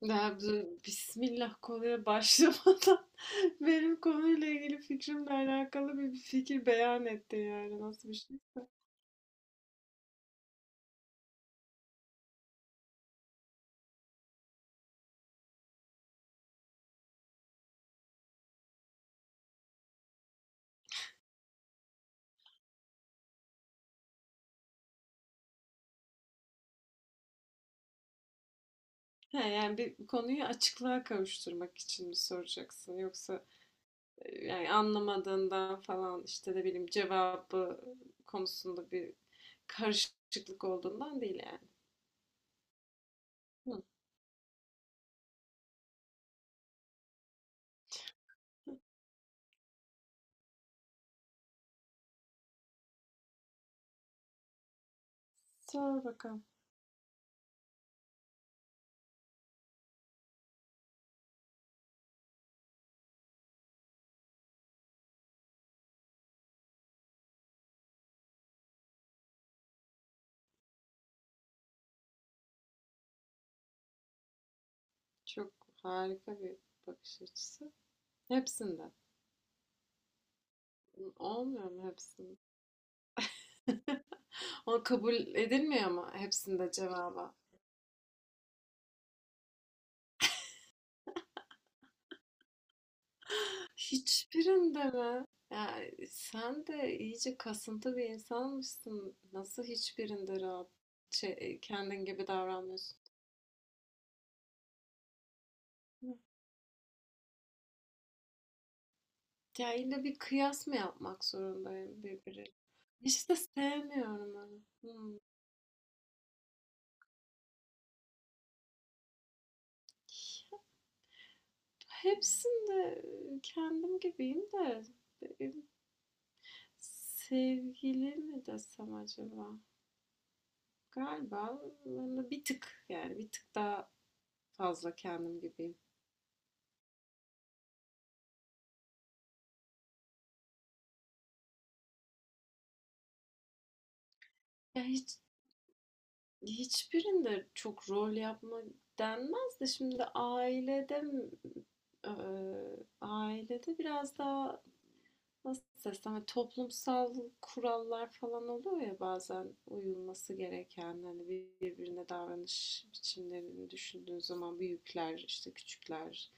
Ya dur, Bismillah konuya başlamadan benim konuyla ilgili fikrimle alakalı bir fikir beyan etti yani nasıl bir şey? Ha, yani bir konuyu açıklığa kavuşturmak için mi soracaksın yoksa yani anlamadığından falan işte ne bileyim cevabı konusunda bir karışıklık olduğundan değil yani. Hı. Sor bakalım. Çok harika bir bakış açısı. Hepsinden. Olmuyor mu hepsinde? O kabul edilmiyor mu hepsinde cevaba? Hiçbirinde mi? Ya sen de iyice kasıntı bir insanmışsın. Nasıl hiçbirinde rahat şey, kendin gibi davranmıyorsun? Ya illa bir kıyas mı yapmak zorundayım birbiriyle? Hiç de sevmiyorum onu. Hmm. Hepsinde kendim gibiyim de benim sevgili mi desem acaba? Galiba ben de bir tık daha fazla kendim gibiyim. Ya, hiçbirinde çok rol yapma denmez de şimdi ailede, ailede biraz daha nasıl desem, hani toplumsal kurallar falan oluyor ya, bazen uyulması gereken, hani birbirine davranış biçimlerini düşündüğün zaman büyükler işte küçükler,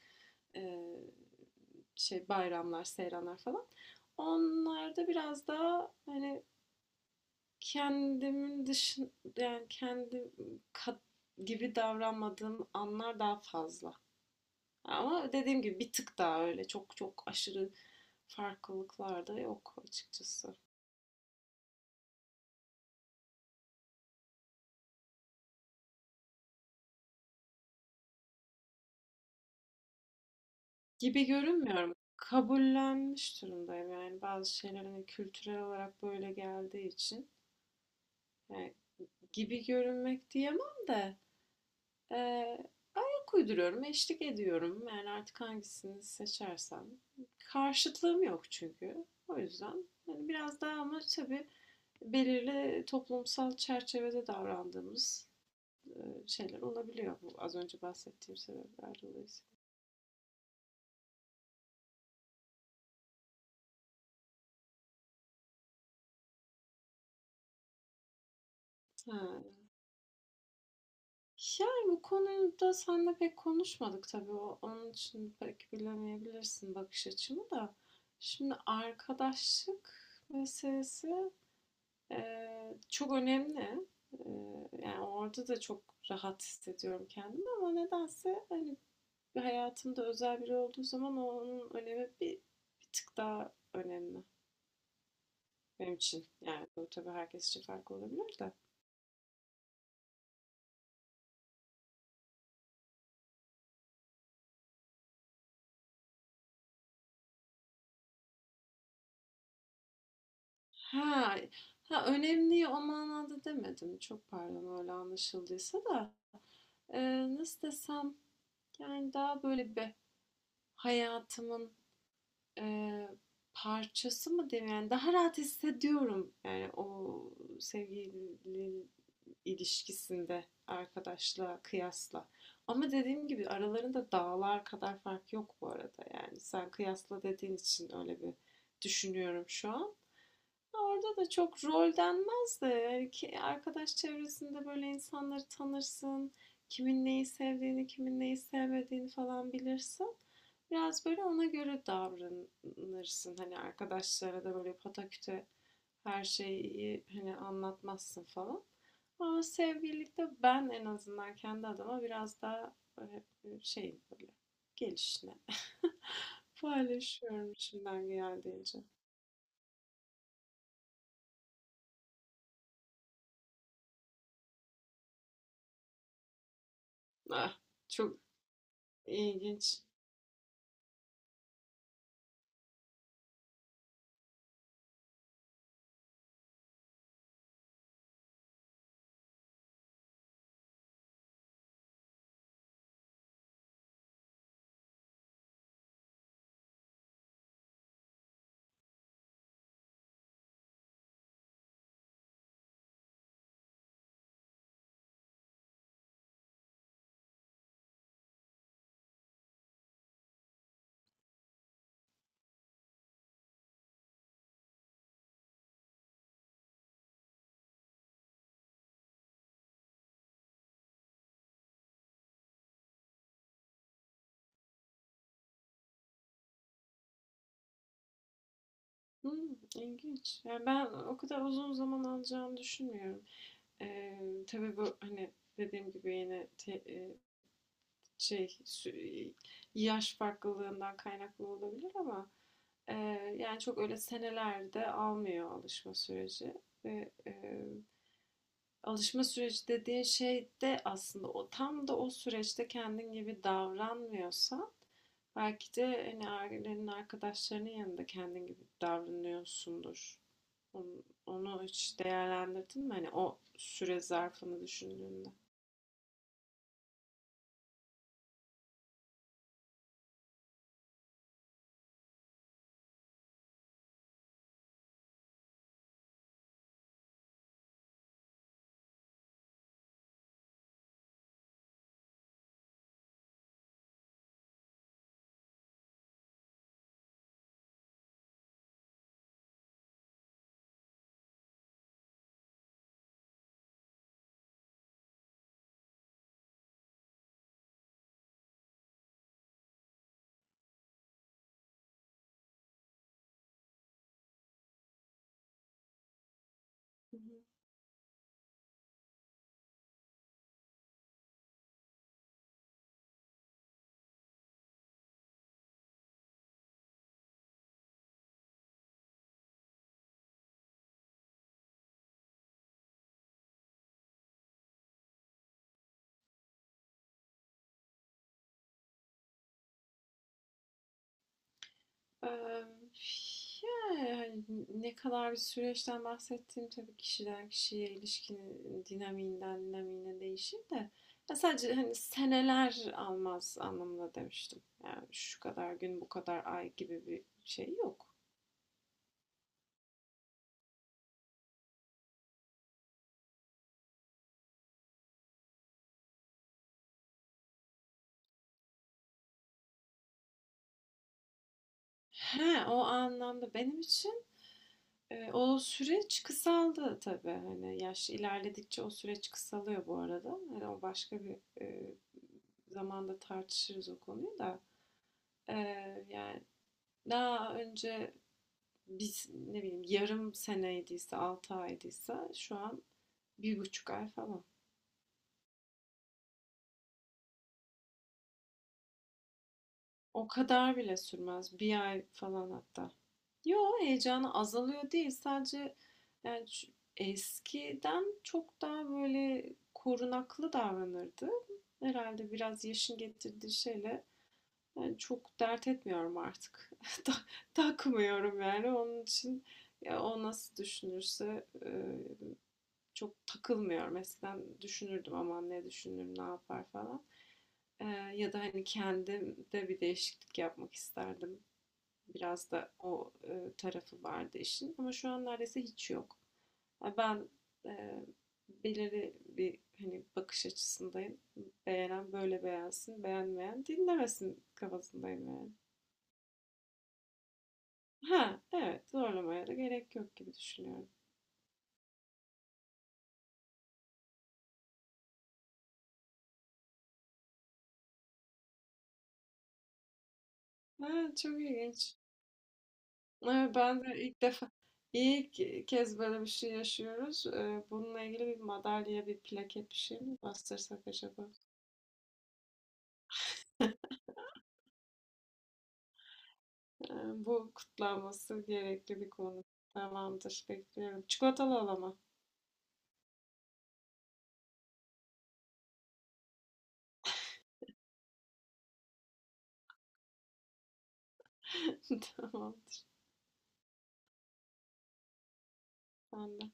eee, şey, bayramlar seyranlar falan, onlarda biraz daha hani Kendimin dışın yani kendi gibi davranmadığım anlar daha fazla. Ama dediğim gibi bir tık daha, öyle çok çok aşırı farklılıklar da yok açıkçası. Gibi görünmüyorum. Kabullenmiş durumdayım, yani bazı şeyler hani kültürel olarak böyle geldiği için. Yani gibi görünmek diyemem de, e, uyduruyorum, eşlik ediyorum. Yani artık hangisini seçersem. Karşıtlığım yok çünkü. O yüzden yani biraz daha, ama tabii belirli toplumsal çerçevede davrandığımız e, şeyler olabiliyor, bu az önce bahsettiğim sebepler dolayısıyla. Ha. Yani bu konuda seninle pek konuşmadık tabii. Onun için pek bilemeyebilirsin bakış açımı da. Şimdi arkadaşlık meselesi çok önemli. Yani orada da çok rahat hissediyorum kendimi, ama nedense hani hayatımda özel biri olduğu zaman onun önemi bir tık daha önemli benim için. Yani bu tabii herkes için farklı olabilir de. Ha, ha, önemli o manada demedim. Çok pardon, öyle anlaşıldıysa da. Nasıl desem, yani daha böyle bir hayatımın eee, parçası mı diyeyim, yani daha rahat hissediyorum, yani o sevgili ilişkisinde arkadaşla kıyasla. Ama dediğim gibi aralarında dağlar kadar fark yok bu arada, yani sen kıyasla dediğin için öyle bir düşünüyorum şu an. Orada da çok rol denmez de, yani ki arkadaş çevresinde böyle insanları tanırsın. Kimin neyi sevdiğini, kimin neyi sevmediğini falan bilirsin. Biraz böyle ona göre davranırsın. Hani arkadaşlara da böyle pataküte her şeyi hani anlatmazsın falan. Ama sevgililikte ben en azından kendi adıma biraz daha şey, böyle gelişine paylaşıyorum içimden geldiğince. Ah, çok ilginç. Hmm, ilginç. Yani ben o kadar uzun zaman alacağını düşünmüyorum. Tabii bu, hani, dediğim gibi yine te şey, sü yaş farklılığından kaynaklı olabilir ama, yani, çok öyle senelerde almıyor alışma süreci ve, alışma süreci dediğin şey de aslında o tam da o süreçte kendin gibi davranmıyorsa, belki de, hani, ailenin, arkadaşlarının yanında kendin gibi davranıyorsundur. Onu hiç değerlendirdin mi? Hani o süre zarfını düşündüğünde. Hı hı. Eee, Yani hani ne kadar bir süreçten bahsettiğim tabii kişiden kişiye, ilişkinin dinamiğinden dinamiğine değişir de, ya sadece hani seneler almaz anlamında demiştim. Yani şu kadar gün, bu kadar ay gibi bir şey yok. He, o anlamda benim için o süreç kısaldı tabii, hani, yaş ilerledikçe o süreç kısalıyor bu arada. Hani, o başka bir, eee, zamanda tartışırız o konuyu da. Yani daha önce biz, ne bileyim, yarım seneydiyse, 6 aydıysa, şu an bir buçuk ay falan. O kadar bile sürmez, bir ay falan hatta. Yo, heyecanı azalıyor değil. Sadece yani eskiden çok daha böyle korunaklı davranırdı. Herhalde biraz yaşın getirdiği şeyle, yani çok dert etmiyorum artık. Ta- Takmıyorum yani, onun için ya o nasıl düşünürse çok takılmıyorum. Eskiden düşünürdüm aman ne düşünür ne yapar falan. E, Ya da hani kendim de bir değişiklik yapmak isterdim. Biraz da o tarafı vardı işin, ama şu an neredeyse hiç yok. Ya ben e, belirli bir hani bakış açısındayım. Beğenen böyle beğensin, beğenmeyen dinlemesin kafasındayım yani. Ha, evet, zorlamaya da gerek yok gibi düşünüyorum. Ha, çok ilginç. Evet, ben de ilk defa, ilk kez böyle bir şey yaşıyoruz. Bununla ilgili bir madalya, bir plaket, bir şey mi bastırsak acaba? Bu kutlanması gerekli bir konu. Tamamdır, bekliyorum. Çikolatalı olamam. Tamam, sen de.